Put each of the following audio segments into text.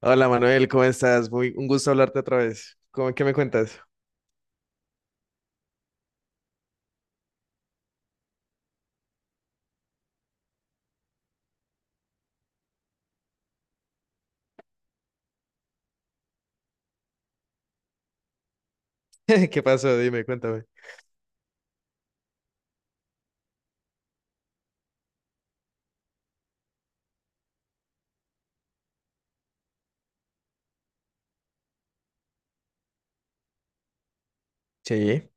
Hola Manuel, ¿cómo estás? Un gusto hablarte otra vez. ¿ qué me cuentas? ¿Qué pasó? Dime, cuéntame. Sí.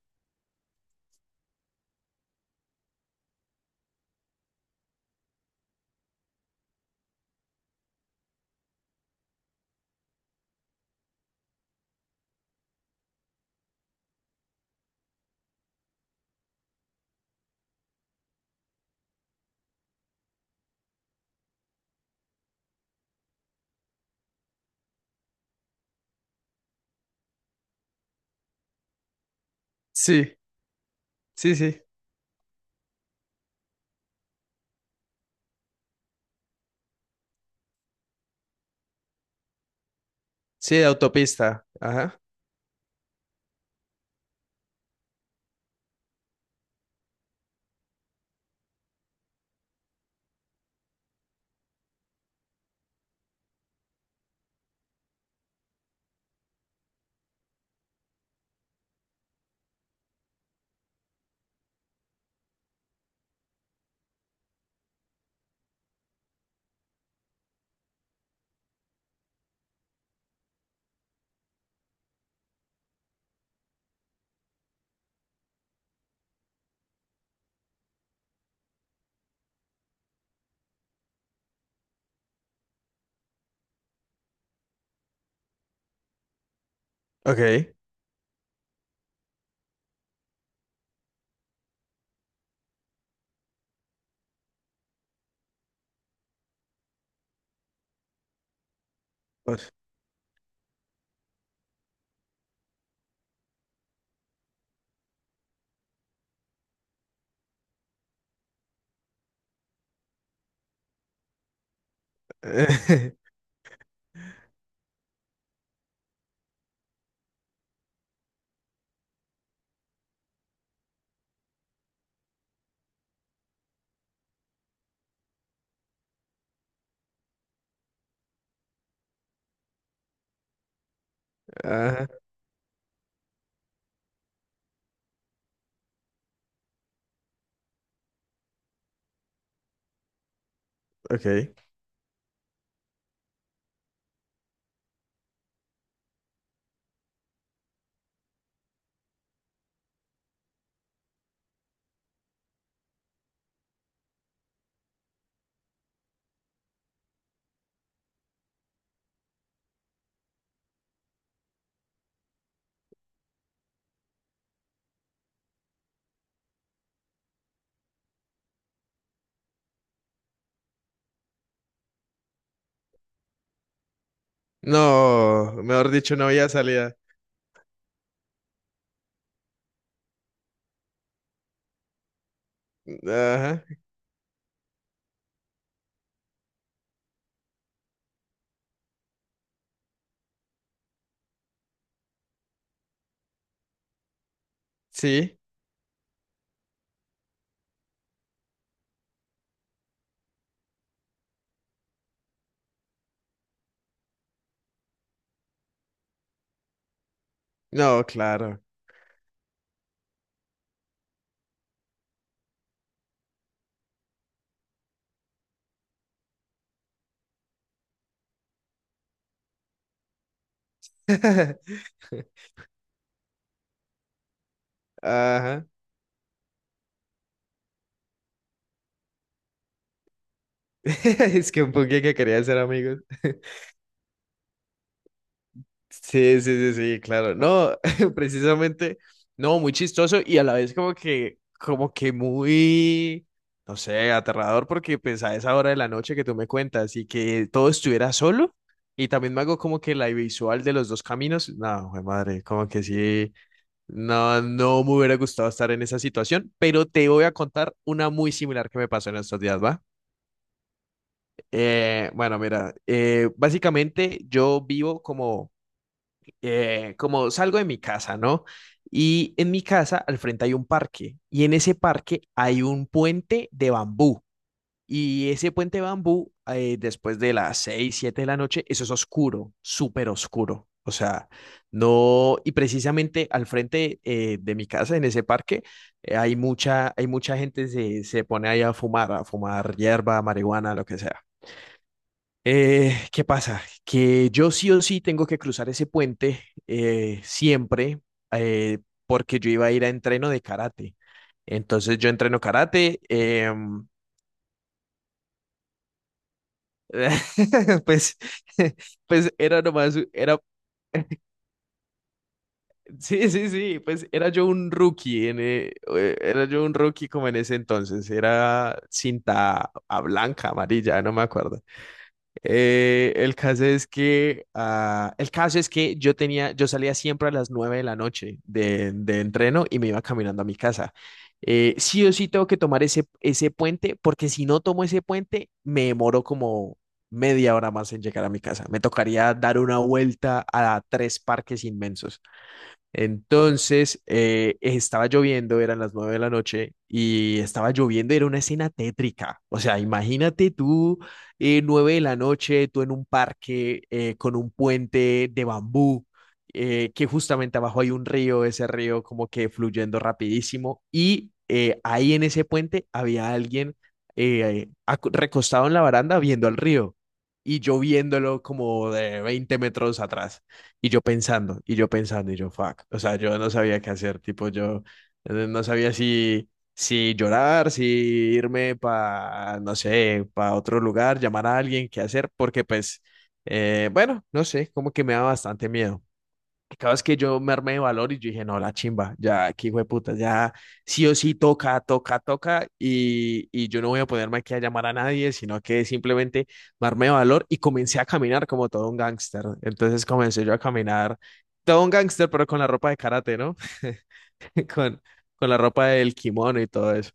Sí, sí, sí. Sí, de autopista. Ajá. Ok. Uf. Ajá, ok. No, mejor dicho, no había salida. Ajá. Sí. No, claro. Ajá. Es que un poquito que quería ser amigos. Sí, sí, sí, sí, claro. No, precisamente, no, muy chistoso y a la vez como que muy, no sé, aterrador porque pues a esa hora de la noche que tú me cuentas y que todo estuviera solo y también me hago como que la visual de los dos caminos. No, jue madre, como que sí, no, no me hubiera gustado estar en esa situación, pero te voy a contar una muy similar que me pasó en estos días, ¿va? Bueno, mira, básicamente yo vivo como salgo de mi casa, ¿no? Y en mi casa al frente hay un parque y en ese parque hay un puente de bambú y ese puente de bambú, después de las 6 7 de la noche, eso es oscuro, súper oscuro. O sea, no, y precisamente al frente, de mi casa, en ese parque, hay mucha gente se pone ahí a fumar, hierba, marihuana, lo que sea. ¿Qué pasa? Que yo sí o sí tengo que cruzar ese puente, siempre, eh, porque yo iba a ir a entreno de karate. Entonces yo entreno karate. Pues, pues era nomás, era, sí, sí, sí, pues era yo un rookie como en ese entonces, era cinta a blanca, amarilla, no me acuerdo. El caso es que yo salía siempre a las 9 de la noche de entreno y me iba caminando a mi casa. Sí o sí tengo que tomar ese puente, porque si no tomo ese puente, me demoro como media hora más en llegar a mi casa. Me tocaría dar una vuelta a tres parques inmensos. Entonces, estaba lloviendo, eran las 9 de la noche y estaba lloviendo, era una escena tétrica. O sea, imagínate tú, 9 de la noche, tú en un parque, con un puente de bambú, que justamente abajo hay un río, ese río como que fluyendo rapidísimo y, ahí en ese puente había alguien, recostado en la baranda viendo al río y yo viéndolo como de 20 metros atrás. Y yo pensando, y yo pensando, y yo, fuck. O sea, yo no sabía qué hacer, tipo, yo, no sabía si llorar, si irme para, no sé, para otro lugar, llamar a alguien, qué hacer, porque pues, bueno, no sé, como que me da bastante miedo cada vez que yo me armé de valor y yo dije, no, la chimba, ya, aquí hijo de puta, ya sí o sí toca, toca, toca, y yo no voy a ponerme aquí a llamar a nadie, sino que simplemente me armé de valor y comencé a caminar como todo un gángster. Entonces comencé yo a caminar, todo un gángster, pero con la ropa de karate, ¿no? Con, con la ropa del kimono y todo eso.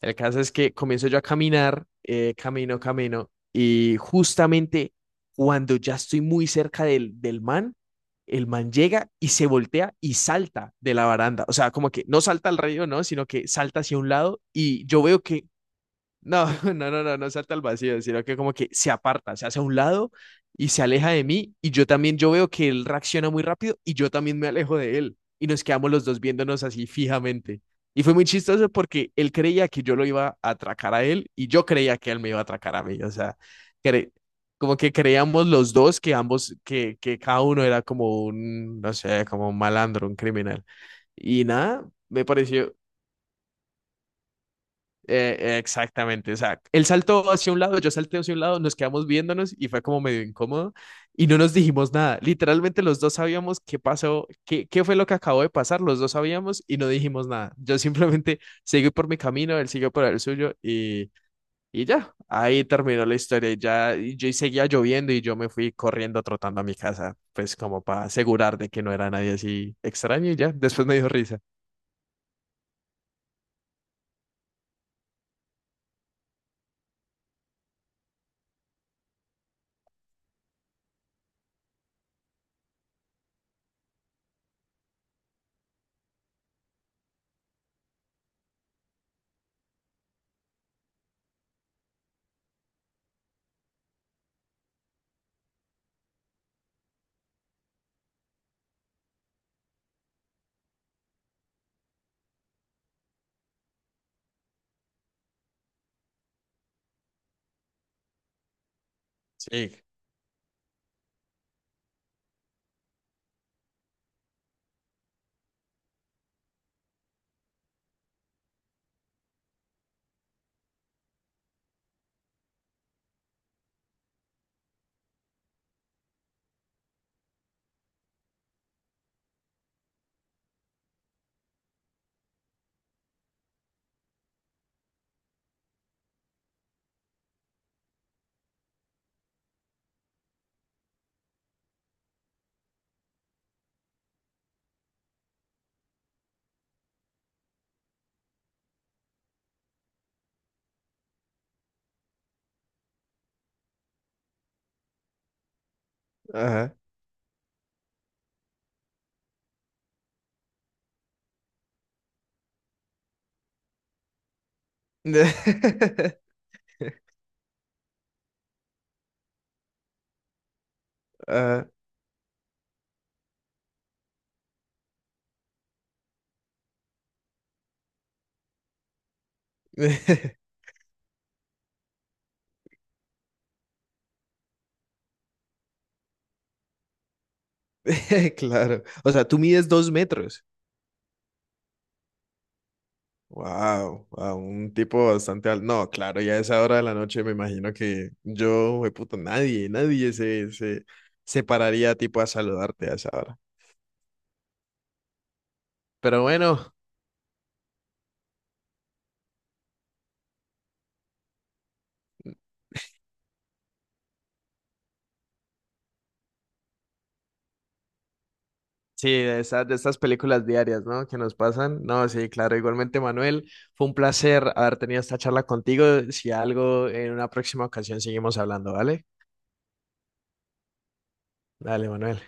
El caso es que comienzo yo a caminar, camino, camino, y justamente cuando ya estoy muy cerca del man, el man llega y se voltea y salta de la baranda. O sea, como que no salta al río, ¿no? Sino que salta hacia un lado y yo veo que no, no, no, no, no salta al vacío, sino que como que se aparta, se hace a un lado y se aleja de mí y yo también, yo veo que él reacciona muy rápido y yo también me alejo de él y nos quedamos los dos viéndonos así fijamente. Y fue muy chistoso porque él creía que yo lo iba a atracar a él y yo creía que él me iba a atracar a mí. O sea, cre- como que creíamos los dos que ambos, que cada uno era como un, no sé, como un malandro, un criminal. Y nada, me pareció, exactamente. O sea, él saltó hacia un lado, yo salté hacia un lado, nos quedamos viéndonos y fue como medio incómodo y no nos dijimos nada. Literalmente los dos sabíamos qué pasó, qué fue lo que acabó de pasar, los dos sabíamos y no dijimos nada. Yo simplemente seguí por mi camino, él siguió por el suyo y ya, ahí terminó la historia. Y ya y yo y seguía lloviendo y yo me fui corriendo, trotando a mi casa, pues como para asegurar de que no era nadie así extraño y ya, después me dio risa. Sí, ajá. Ajá. Claro. O sea, tú mides 2 metros. Wow, wow, un tipo bastante alto. No, claro, ya a esa hora de la noche me imagino que yo, puto nadie, nadie se pararía tipo a saludarte a esa hora. Pero bueno, sí, de esas, de estas películas diarias, ¿no? Que nos pasan. No, sí, claro, igualmente, Manuel, fue un placer haber tenido esta charla contigo. Si algo, en una próxima ocasión seguimos hablando, ¿vale? Dale, Manuel.